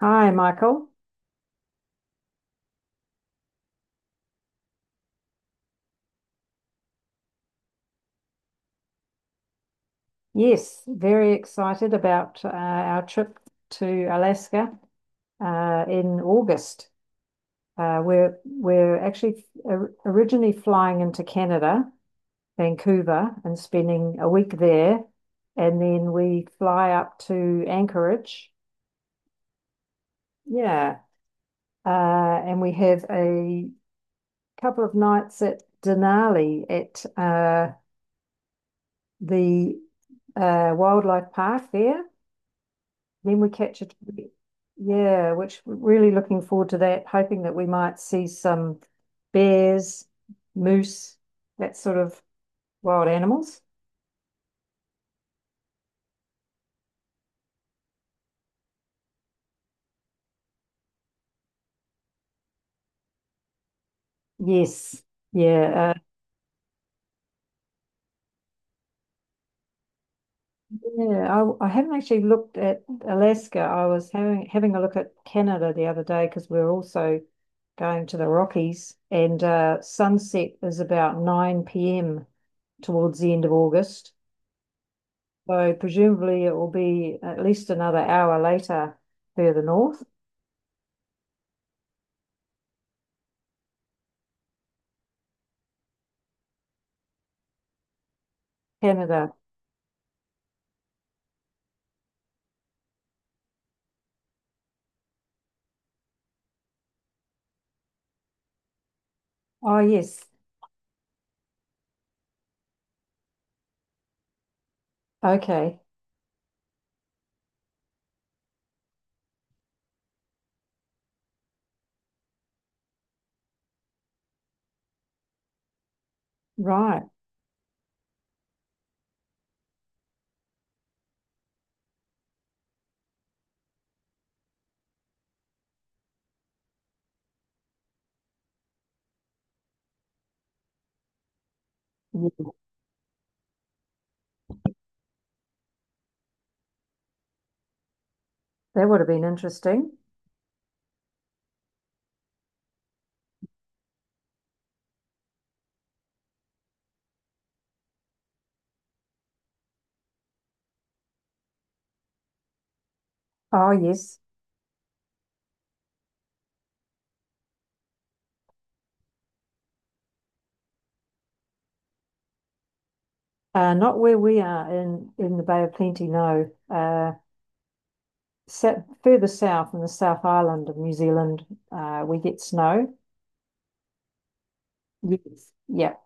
Hi, Michael. Yes, very excited about our trip to Alaska in August. We're actually originally flying into Canada, Vancouver, and spending a week there, and then we fly up to Anchorage. Yeah. uh, and we have a couple of nights at Denali at the wildlife park there. Then we catch it. Yeah, which we're really looking forward to that, hoping that we might see some bears, moose, that sort of wild animals. Yes. Yeah. I haven't actually looked at Alaska. I was having a look at Canada the other day because we're also going to the Rockies, and sunset is about 9 p.m. towards the end of August. So presumably it will be at least another hour later further north. Canada. Oh, yes. Okay. Right. Yeah. That would have been interesting. Oh, yes. Not where we are in the Bay of Plenty, no. Set further south in the South Island of New Zealand, we get snow. Yes. Yeah,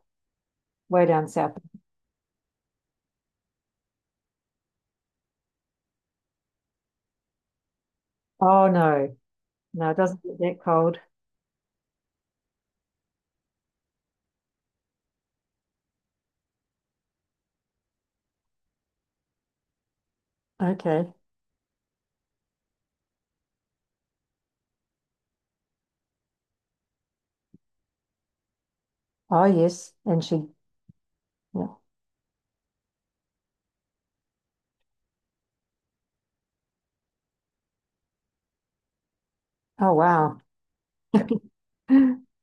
way down south. Oh, no. No, it doesn't get that cold. Okay. Oh, yes. And she, yeah. Oh, wow.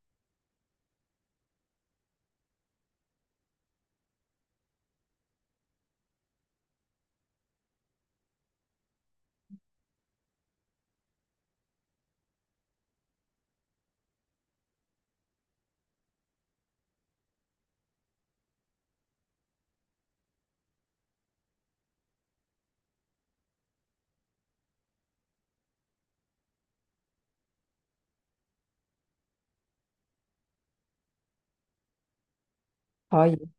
Oh, yeah.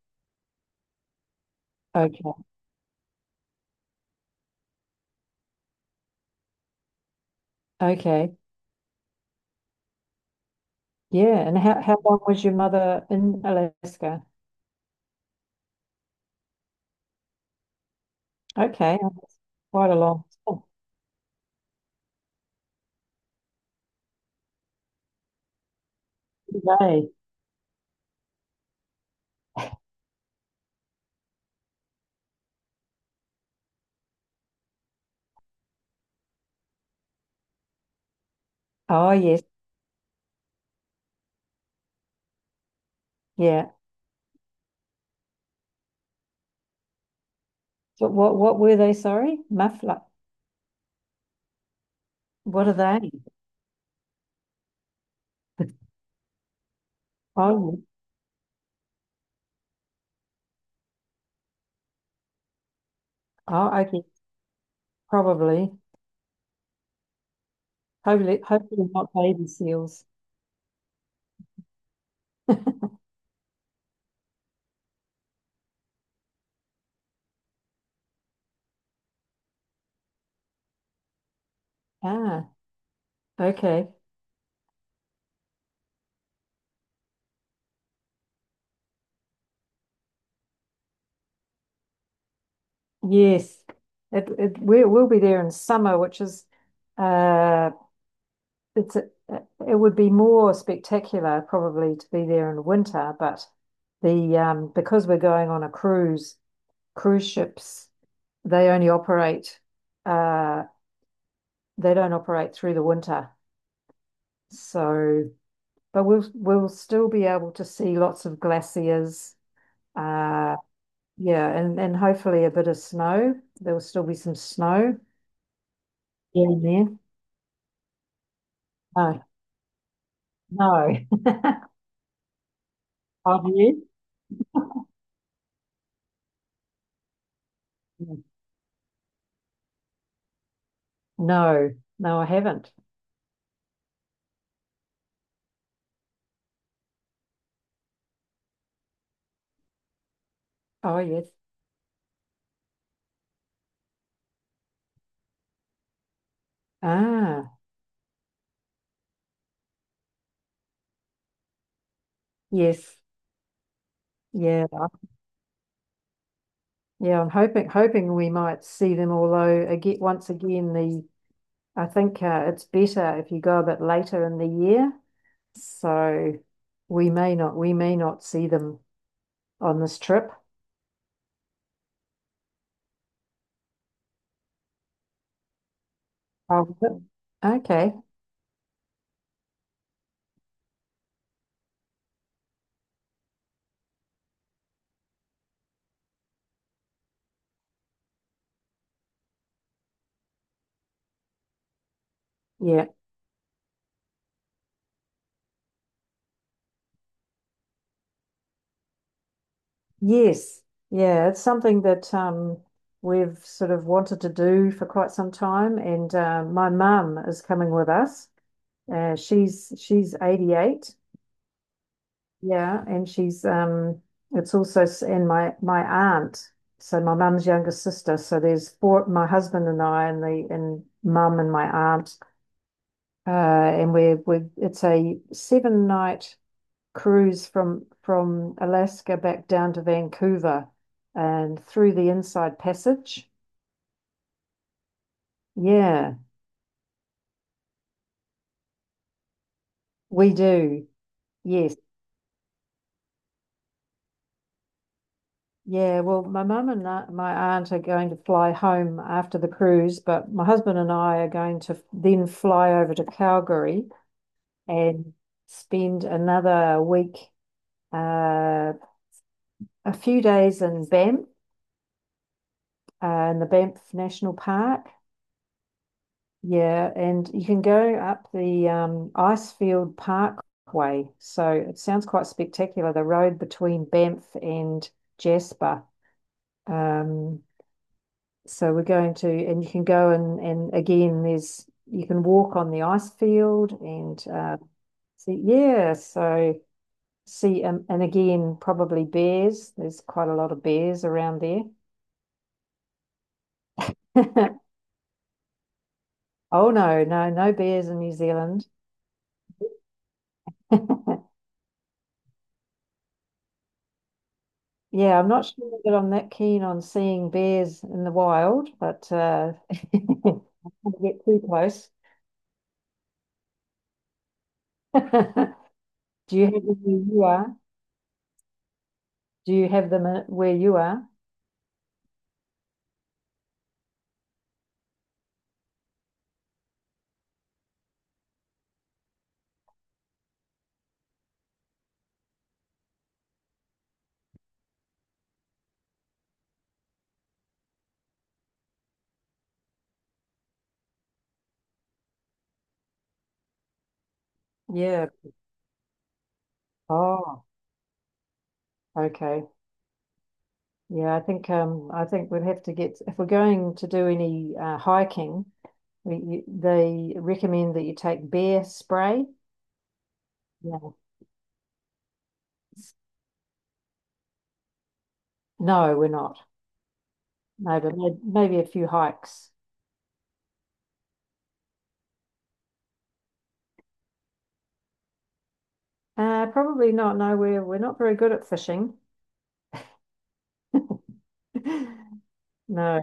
Okay. Okay. Yeah. And how long was your mother in Alaska? Okay. Oh, that's quite a long. Oh, day. Oh, yes. Yeah. So what were they? Sorry? Muffler. What are they? Oh, oh, okay. Probably. Hopefully, hopefully not baby seals. Ah, okay. Yes. We'll be there in summer, which is uh it's a, it would be more spectacular probably to be there in winter, but the because we're going on a cruise, cruise ships they only operate, uh, they don't operate through the winter. So, but we'll still be able to see lots of glaciers. Uh, yeah, and hopefully a bit of snow. There will still be some snow in there. No, no. Have you? No, no, I haven't. Oh yes. Ah, yes. Yeah. Yeah, I'm hoping we might see them, although again, once again, the I think it's better if you go a bit later in the year. So we may not see them on this trip. Oh, okay. Yeah. Yes. Yeah, it's something that we've sort of wanted to do for quite some time, and my mum is coming with us. She's 88. Yeah, and she's it's also s- and my aunt, so my mum's younger sister. So there's four, my husband and I and the and mum and my aunt. And we're we It's a seven night cruise from Alaska back down to Vancouver and through the Inside Passage. Yeah, we do. Yes. Yeah, well, my mum and my aunt are going to fly home after the cruise, but my husband and I are going to then fly over to Calgary and spend another week, uh, a few days in Banff, in the Banff National Park. Yeah, and you can go up the Icefield Parkway. So it sounds quite spectacular, the road between Banff and Jasper. Um, so we're going to, and you can go and again, there's you can walk on the ice field and see, yeah, so see, and again, probably bears. There's quite a lot of bears around there. Oh no, no, no bears in New Zealand. Yeah, I'm not sure that I'm that keen on seeing bears in the wild, but I don't want to get too close. Do you have them where you are? Do you have them where you are? Yeah. Oh. Okay. Yeah, I think we'd have to get if we're going to do any hiking, they recommend that you take bear spray. Yeah. No, we're not. No, but maybe a few hikes. Probably not. No, we're not very good at fishing. No,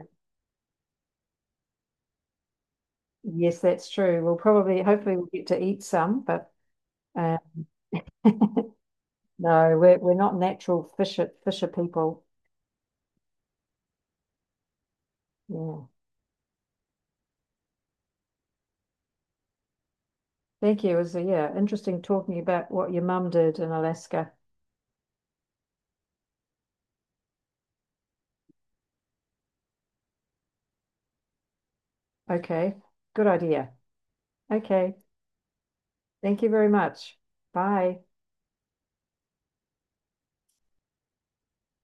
yes, that's true. We'll probably, hopefully, we'll get to eat some, but uh, no, we're not natural fisher people. Yeah. Thank you. It was, yeah, interesting talking about what your mum did in Alaska. Okay, good idea. Okay, thank you very much. Bye.